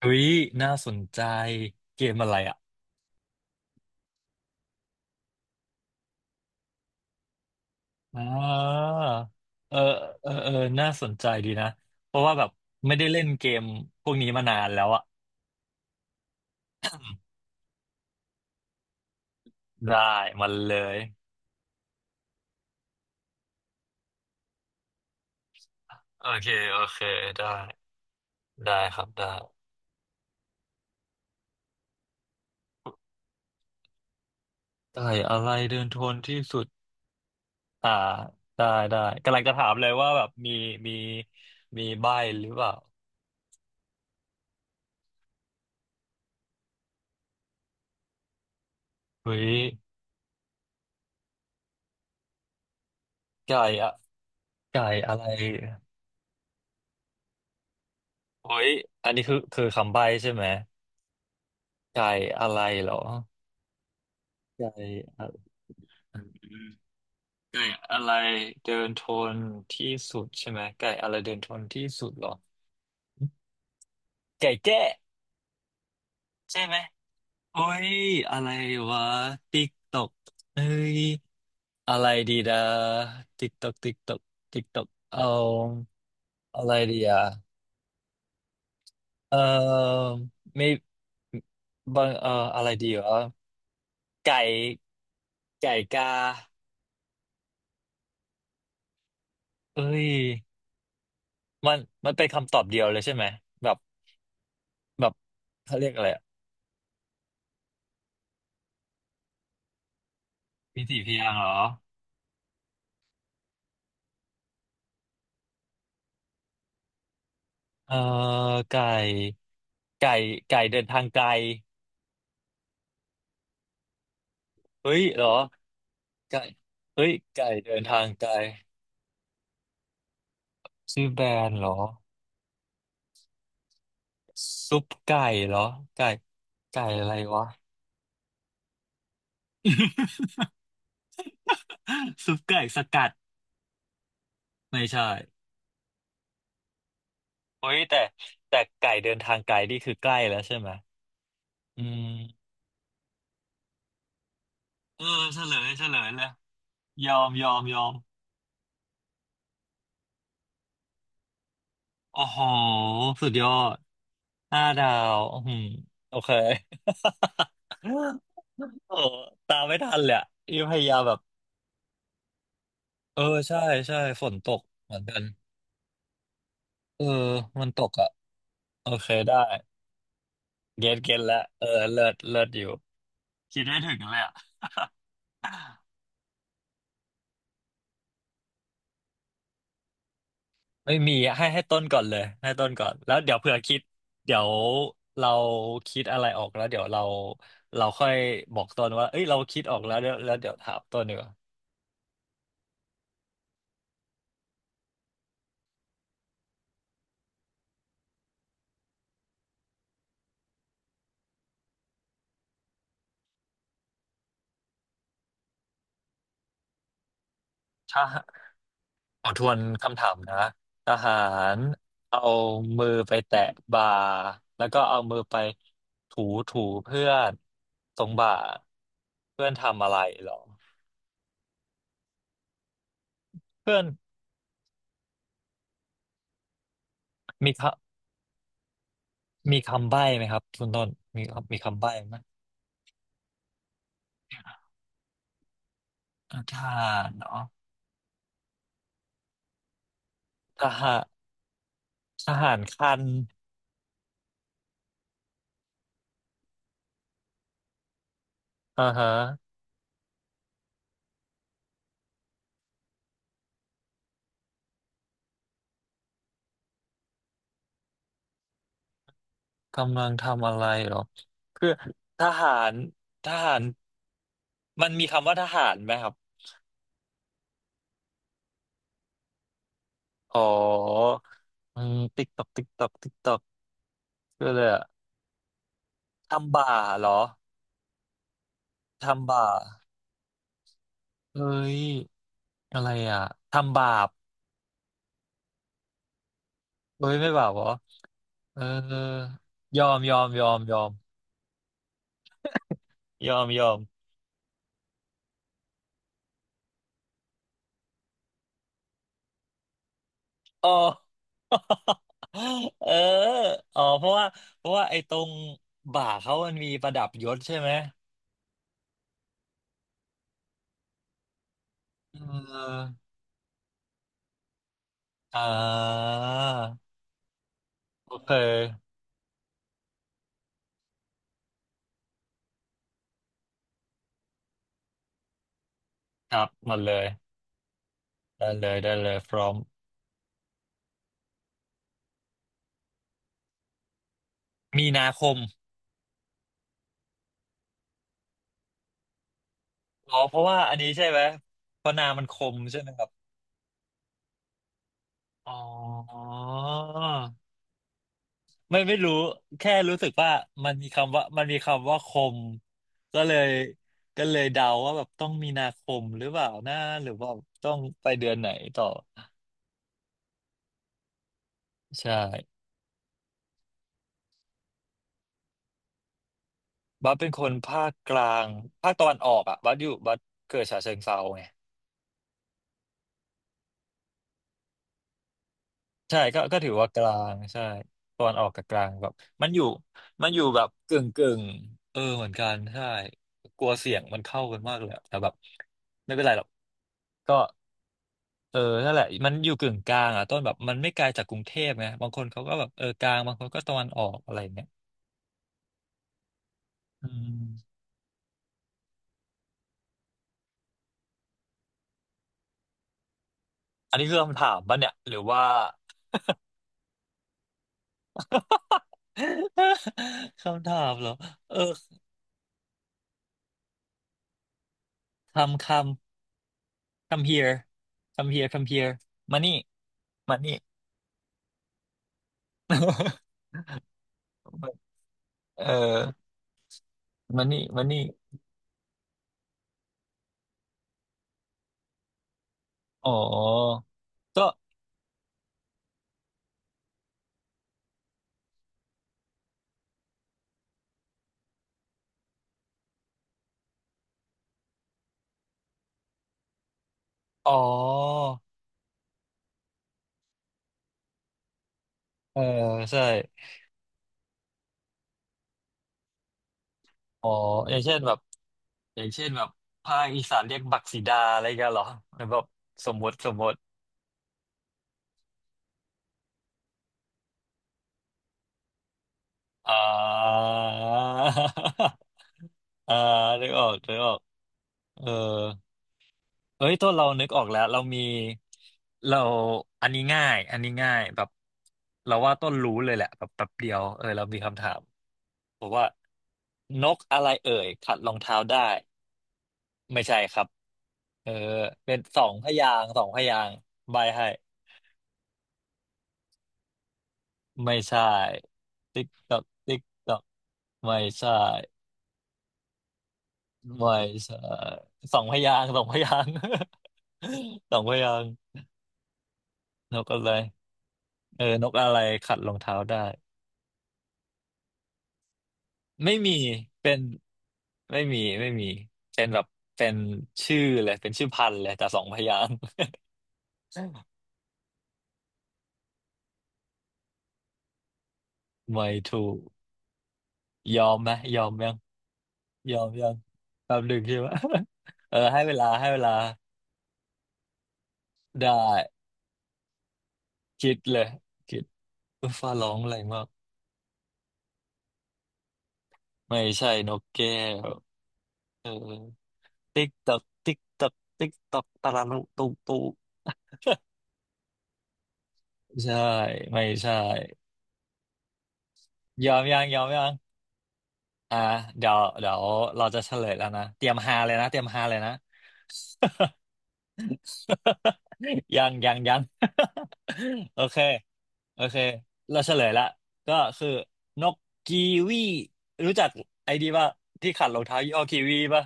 เฮ้ยน่าสนใจเกมอะไรอ่ะอ่าเออเออเออน่าสนใจดีนะเพราะว่าแบบไม่ได้เล่นเกมพวกนี้มานานแล้วอ่ะได้มันเลยโอเคโอเคได้ได้ครับได้ได้อะไรเดินทนที่สุดอ่าได้ได้กำลังจะถามเลยว่าแบบมีมีใบ้หรือเปล่าเฮ้ยไก่อะไก่อะไรเฮ้ยอันนี้คือคำใบ้ใช่ไหมไก่อะไรเหรอไก่ อืมไก่อะไรเดินทนที่สุดใช่ไหมไก่อะไรเดินทนที่สุดเหรอไก่แจ้ใช่ไหมโอ้ยอะไรวะติ๊กตอกเอ้ยอะไรดีดาติ๊กตอกติ๊กตอกติ๊กตอกเอาอะไรดีอ่ะเออไม่บางเอออะไรดีวะไก่ไก่กาเอ้ยมันมันเป็นคำตอบเดียวเลยใช่ไหมแบบแบบเขาเรียกอะไร มีสี่พยางค์เหรอเอ่อไก่ไก่ไก่เดินทางไกลเฮ้ยเหรอไก่เฮ้ยไก่เดินทางไกลชื่อแบรนด์เหรอซุปไก่เหรอไก่ไก่อะไรวะ ซุปไก่สกัดไม่ใช่เฮ้ยแต่แต่ไก่เดินทางไกลนี่คือใกล้แล้วใช่ไหมอืมเออเฉลยเฉลยเลยยอมยอมยอมโอ้โหสุดยอดห้าดาวอืมโอเค โอ้ตามไม่ทันเลยอะนี่พยายามแบบเออใช่ใช่ฝนตกเหมือนกันเออมันตกอ่ะโอเคได้เก็ตเก็ตแล้วเออเลิศเลิศอยู่คิดได้ถึงเลยอ่ะไม่มีให้ให้ต้นก่อนเลยให้ต้นก่อนแล้วเดี๋ยวเผื่อคิดเดี๋ยวเราคิดอะไรออกแล้วเดี๋ยวเราเราค่อยบอกต้นว่าเอ้ยเราคิดออกแล้วเดี๋ยวแล้วเดี๋ยวถามต้นดีกว่าใช่ ขอทวนคำถามนะทหารเอามือไปแตะบ่าแล้วก็เอามือไปถูถูเพื่อนตรงบ่าเพื่อนทำอะไรหรอเพื่อนมีคมีคำใบ้ไหมครับคุณต้นมีมีคำใบ้ไหมอ่าทหารเนาะทหารทหารคันอ่าฮะกำลังทำอะไรหรอคือทหารทหารมันมีคำว่าทหารไหมครับอ๋ออืมติ๊กตอกติ๊กตอกติ๊กตอก คืออะไรอะทำบาปเหรอทำบาปเอ้ยอะไรอ่ะทำบาปเอ้ยไม่บาปเหรอเออยอมยอมยอมยอมยอมยอมอ๋อ เอออ๋อเพราะว่าไอ้ตรงบ่าเขามันมีประดับยศใช่ไหมเอออ่าโอเคครับหมดเลยได้เลยได้เลยพร้อมมีนาคมอ๋อเพราะว่าอันนี้ใช่ไหมเพราะนามันคมใช่ไหมครับ อ๋อไม่รู้แค่รู้สึกว่ามันมีคำว่าคมก็เลยก็เลยเดาว่าแบบต้องมีนาคมหรือเปล่านะหรือว่าต้องไปเดือนไหนต่อใช่บัสเป็นคนภาคกลางภาคตะวันออกอ่ะบัสอยู่บัสเกิดฉะเชิงเทราไงใช่ก็ก็ถือว่ากลางใช่ตอนออกกับกลางแบบมันอยู่มันอยู่แบบกึ่งกึ่งเออเหมือนกันใช่กลัวเสียงมันเข้ากันมากเลยอะแต่แบบไม่เป็นไรหรอกก็ เออนั่นแหละมันอยู่กึ่งกลางอ่ะต้นแบบมันไม่ไกลจากกรุงเทพไงบางคนเขาก็แบบเออกลางบางคนก็ตะวันออกอะไรอย่างเงี้ยอืมอันนี้คือคำถามป่ะเนี่ยหรือว่า คำถามเหรอเออคำคำ come here come here come here มานี่มานี่ เออมานี่มานี่อ๋อก็อ๋อเออใช่อ๋ออย่างเช่นแบบอย่างเช่นแบบภาคอีสานเรียกบักสีดาอะไรกันเหรอหรือแบบสมมติสมมติ อ่า อ่านึกออกนึกออกเออเอ้ยตัวเรานึกออกแล้วเรามีเราอันนี้ง่ายอันนี้ง่ายแบบเราว่าต้นรู้เลยแหละแบบแป๊บเดียวเออเรามีคำถามบอกว่านกอะไรเอ่ยขัดรองเท้าได้ไม่ใช่ครับเออเป็นสองพยางค์สองพยางค์ใบให้ไม่ใช่ติ๊กตอกติ๊กตอกไม่ใช่ ไม่ใช่สองพยางค์สองพยางค์ สองพยางค์นกอะไรเออนกอะไรขัดรองเท้าได้ไม่มีเป็นไม่มีเป็นแบบเป็นชื่อเลยเป็นชื่อพันธุ์เลยแต่สองพยางค์ ไม่ถูกยอมไหมยอมยังยอมยังแป๊บหนึ่งใช่ไหม เออให้เวลาให้เวลาได้คิดเลยคิดฟ้าร้องอะไรมากไม่ใช่นกแก้วเออ ติ๊กตักติ๊กตักติ๊กตักตะลัุตุตุใช่ไม่ใช่ยอมยังยอมยังอ่ะเดี๋ยวเดี๋ยวเราจะเฉลยแล้วนะเตรียมฮาเลยนะเตรียมฮาเลยนะ ยังยังยัง โอเคโอเคเราเฉลยละก็คือนกกีวีรู้จักไอ้ดีป่ะที่ขัดรองเท้ายี่ห้อกีวีป่ะ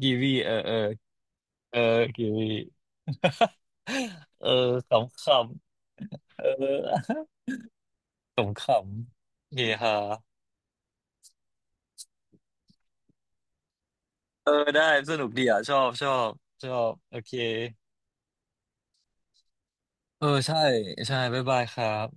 กีวีเออเออเออกีวี เออขำๆเออ ขำเฮฮาเออได้สนุกดีอ่ะชอบชอบชอบโอเคเออใช่ใช่บ๊ายบายครับ